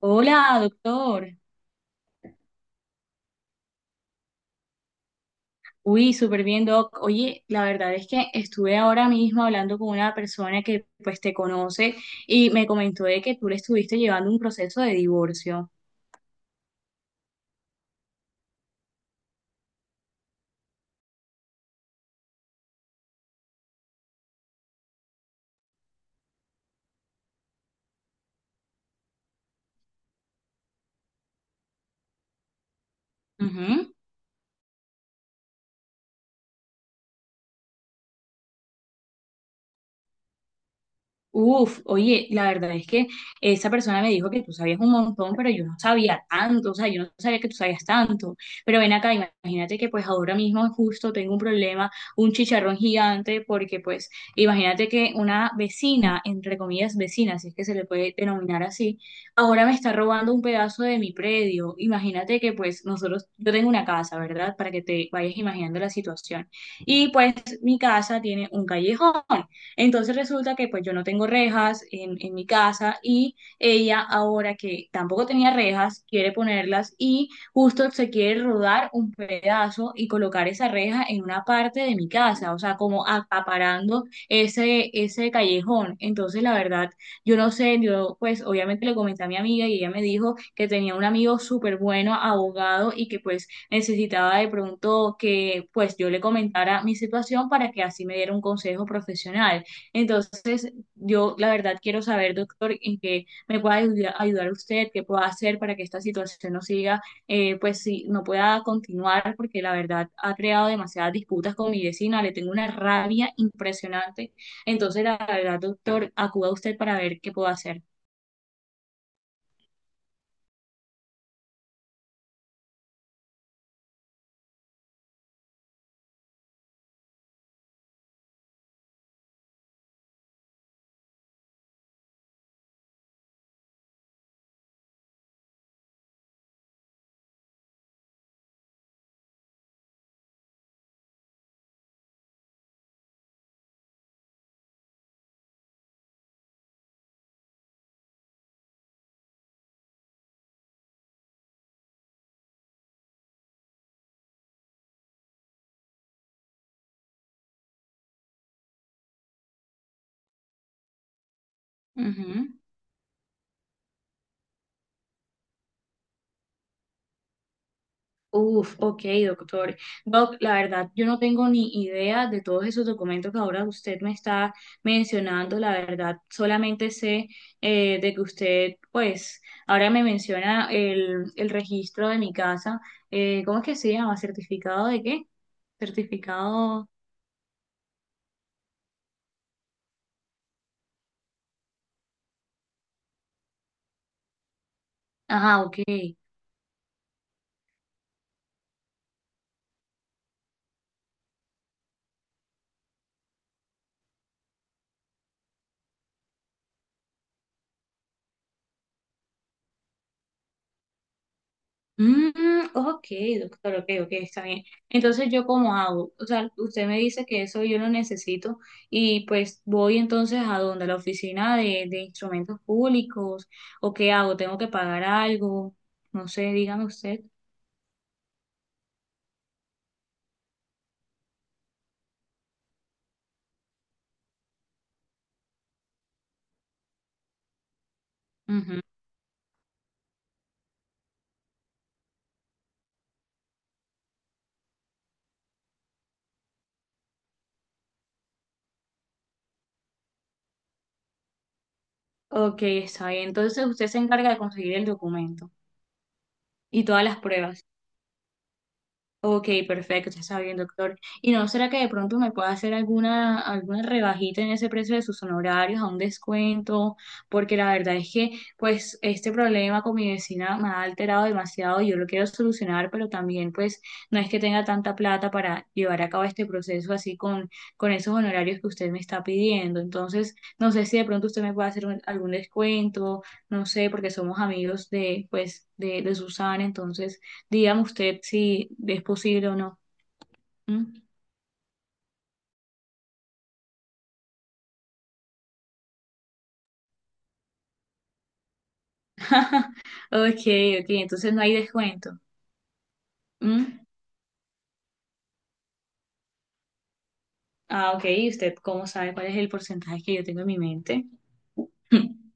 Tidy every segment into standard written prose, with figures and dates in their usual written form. Hola, doctor. Uy, súper bien, doc. Oye, la verdad es que estuve ahora mismo hablando con una persona que pues te conoce y me comentó de que tú le estuviste llevando un proceso de divorcio. Ujú. Uf, oye, la verdad es que esa persona me dijo que tú sabías un montón, pero yo no sabía tanto, o sea, yo no sabía que tú sabías tanto. Pero ven acá, imagínate que pues ahora mismo justo tengo un problema, un chicharrón gigante, porque pues imagínate que una vecina, entre comillas vecina, si es que se le puede denominar así, ahora me está robando un pedazo de mi predio. Imagínate que pues nosotros, yo tengo una casa, ¿verdad? Para que te vayas imaginando la situación. Y pues mi casa tiene un callejón. Entonces resulta que pues yo no tengo rejas en mi casa y ella ahora que tampoco tenía rejas quiere ponerlas y justo se quiere rodar un pedazo y colocar esa reja en una parte de mi casa, o sea, como acaparando ese callejón. Entonces la verdad, yo no sé, yo pues obviamente le comenté a mi amiga y ella me dijo que tenía un amigo súper bueno, abogado y que pues necesitaba de pronto que pues yo le comentara mi situación para que así me diera un consejo profesional. Entonces, yo la verdad quiero saber, doctor, en qué me pueda ayudar usted, qué pueda hacer para que esta situación no siga, pues sí, no pueda continuar, porque la verdad ha creado demasiadas disputas con mi vecina, le tengo una rabia impresionante. Entonces, la verdad, doctor, acuda usted para ver qué puedo hacer. Ujú. Uf, ok, doctor. Doc, la verdad, yo no tengo ni idea de todos esos documentos que ahora usted me está mencionando. La verdad, solamente sé de que usted, pues, ahora me menciona el registro de mi casa. ¿Cómo es que se llama? ¿Certificado de qué? Certificado. Ajá, ok. Mm, ok, doctor, ok, ok, está bien. Entonces, ¿yo cómo hago? O sea, usted me dice que eso yo lo necesito y pues voy entonces a donde la oficina de instrumentos públicos o qué hago, tengo que pagar algo, no sé, dígame usted. Ujú. Ok, está bien. Entonces, usted se encarga de conseguir el documento y todas las pruebas. Ok, perfecto, ya está bien, doctor. ¿Y no será que de pronto me pueda hacer alguna, alguna rebajita en ese precio de sus honorarios, a un descuento? Porque la verdad es que, pues, este problema con mi vecina me ha alterado demasiado. Yo lo quiero solucionar, pero también, pues, no es que tenga tanta plata para llevar a cabo este proceso así con esos honorarios que usted me está pidiendo. Entonces, no sé si de pronto usted me puede hacer algún descuento, no sé, porque somos amigos de, pues, de Susana, entonces. Dígame usted si es posible o no. ¿Mm? Ok, ok, entonces no hay descuento. ¿Mm? Ah, ok, ¿y usted cómo sabe cuál es el porcentaje que yo tengo en mi mente?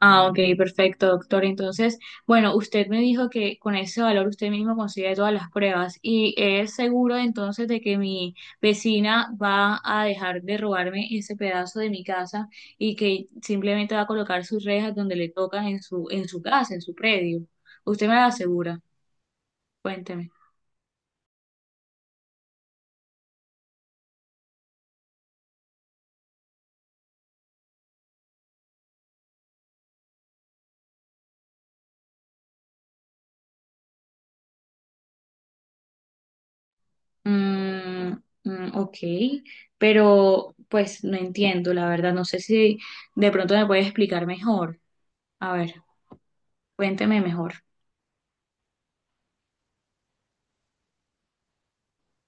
Ah, ok, perfecto, doctor. Entonces, bueno, usted me dijo que con ese valor usted mismo consigue todas las pruebas y es seguro entonces de que mi vecina va a dejar de robarme ese pedazo de mi casa y que simplemente va a colocar sus rejas donde le tocan en su casa, en su predio. ¿Usted me lo asegura? Cuénteme. Mm, mm, ok, pero pues no entiendo, la verdad, no sé si de pronto me puedes explicar mejor. A ver, cuénteme mejor.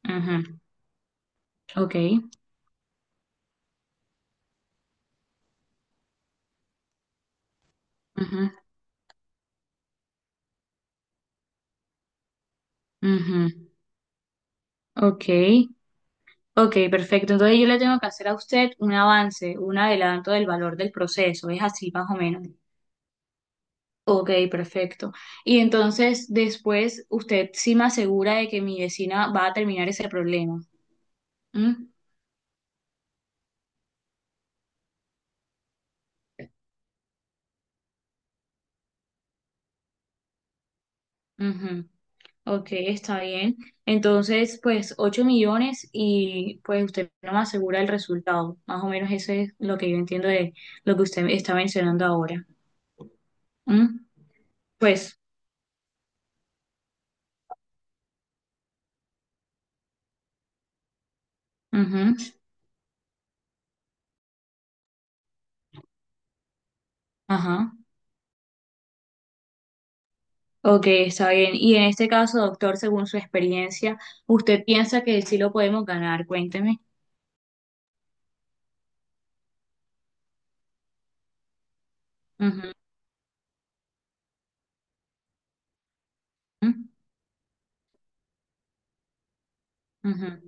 Ujú. Ok. Ujú, ujú. Ok, ok, perfecto. Entonces yo le tengo que hacer a usted un avance, un adelanto del valor del proceso, es así más o menos. Ok, perfecto. Y entonces después usted sí me asegura de que mi vecina va a terminar ese problema. ¿Mm? Ujú. Ok, está bien. Entonces, pues 8 millones y pues usted no me asegura el resultado. Más o menos eso es lo que yo entiendo de lo que usted está mencionando ahora. ¿Mm? Pues, ujú, ajá. Ok, está bien. Y en este caso, doctor, según su experiencia, ¿usted piensa que sí lo podemos ganar? Cuénteme. Ujú, ujú.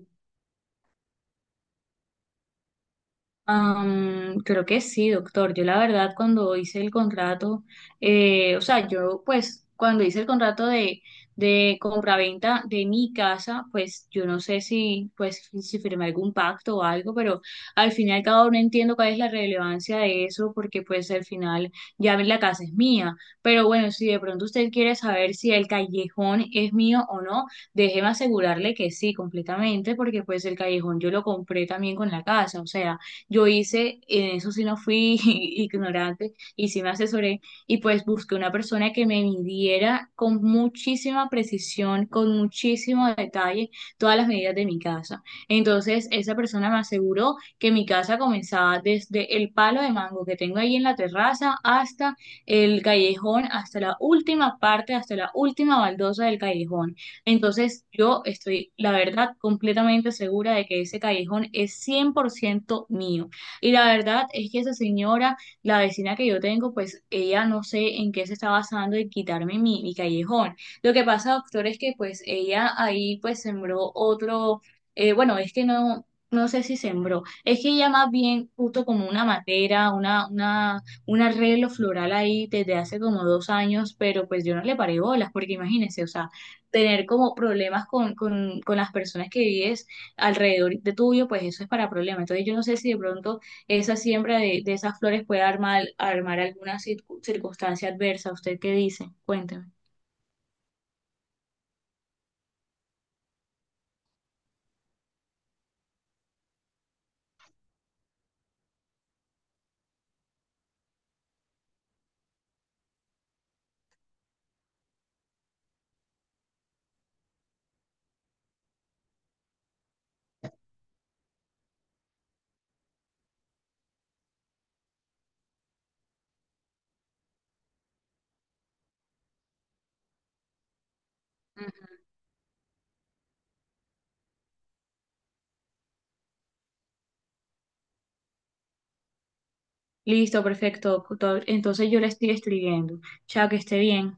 Am, creo que sí, doctor. Yo la verdad cuando hice el contrato, o sea, yo pues cuando hice el contrato de compraventa de mi casa, pues yo no sé si pues si firmé algún pacto o algo, pero al final cada uno entiendo cuál es la relevancia de eso, porque pues al final ya la casa es mía. Pero bueno, si de pronto usted quiere saber si el callejón es mío o no, déjeme asegurarle que sí, completamente, porque pues el callejón yo lo compré también con la casa, o sea. Yo hice, en eso sí no fui ignorante y sí me asesoré y pues busqué una persona que me midiera con muchísima precisión, con muchísimo detalle todas las medidas de mi casa. Entonces esa persona me aseguró que mi casa comenzaba desde el palo de mango que tengo ahí en la terraza hasta el callejón, hasta la última parte, hasta la última baldosa del callejón. Entonces yo estoy, la verdad, completamente segura de que ese callejón es 100% mío. Y la verdad es que esa señora, la vecina que yo tengo, pues ella no sé en qué se está basando en quitarme mi, mi callejón. Lo que pasa, doctor, es que pues ella ahí pues sembró otro, bueno, es que no... No sé si sembró, es que ella más bien justo como una matera, una, un arreglo floral ahí desde hace como 2 años, pero pues yo no le paré bolas, porque imagínense, o sea, tener como problemas con las personas que vives alrededor de tuyo, pues eso es para problemas. Entonces yo no sé si de pronto esa siembra de esas flores puede armar, armar alguna circunstancia adversa. ¿Usted qué dice? Cuénteme. Listo, perfecto. Doctor. Entonces yo le estoy escribiendo. Chao, que esté bien.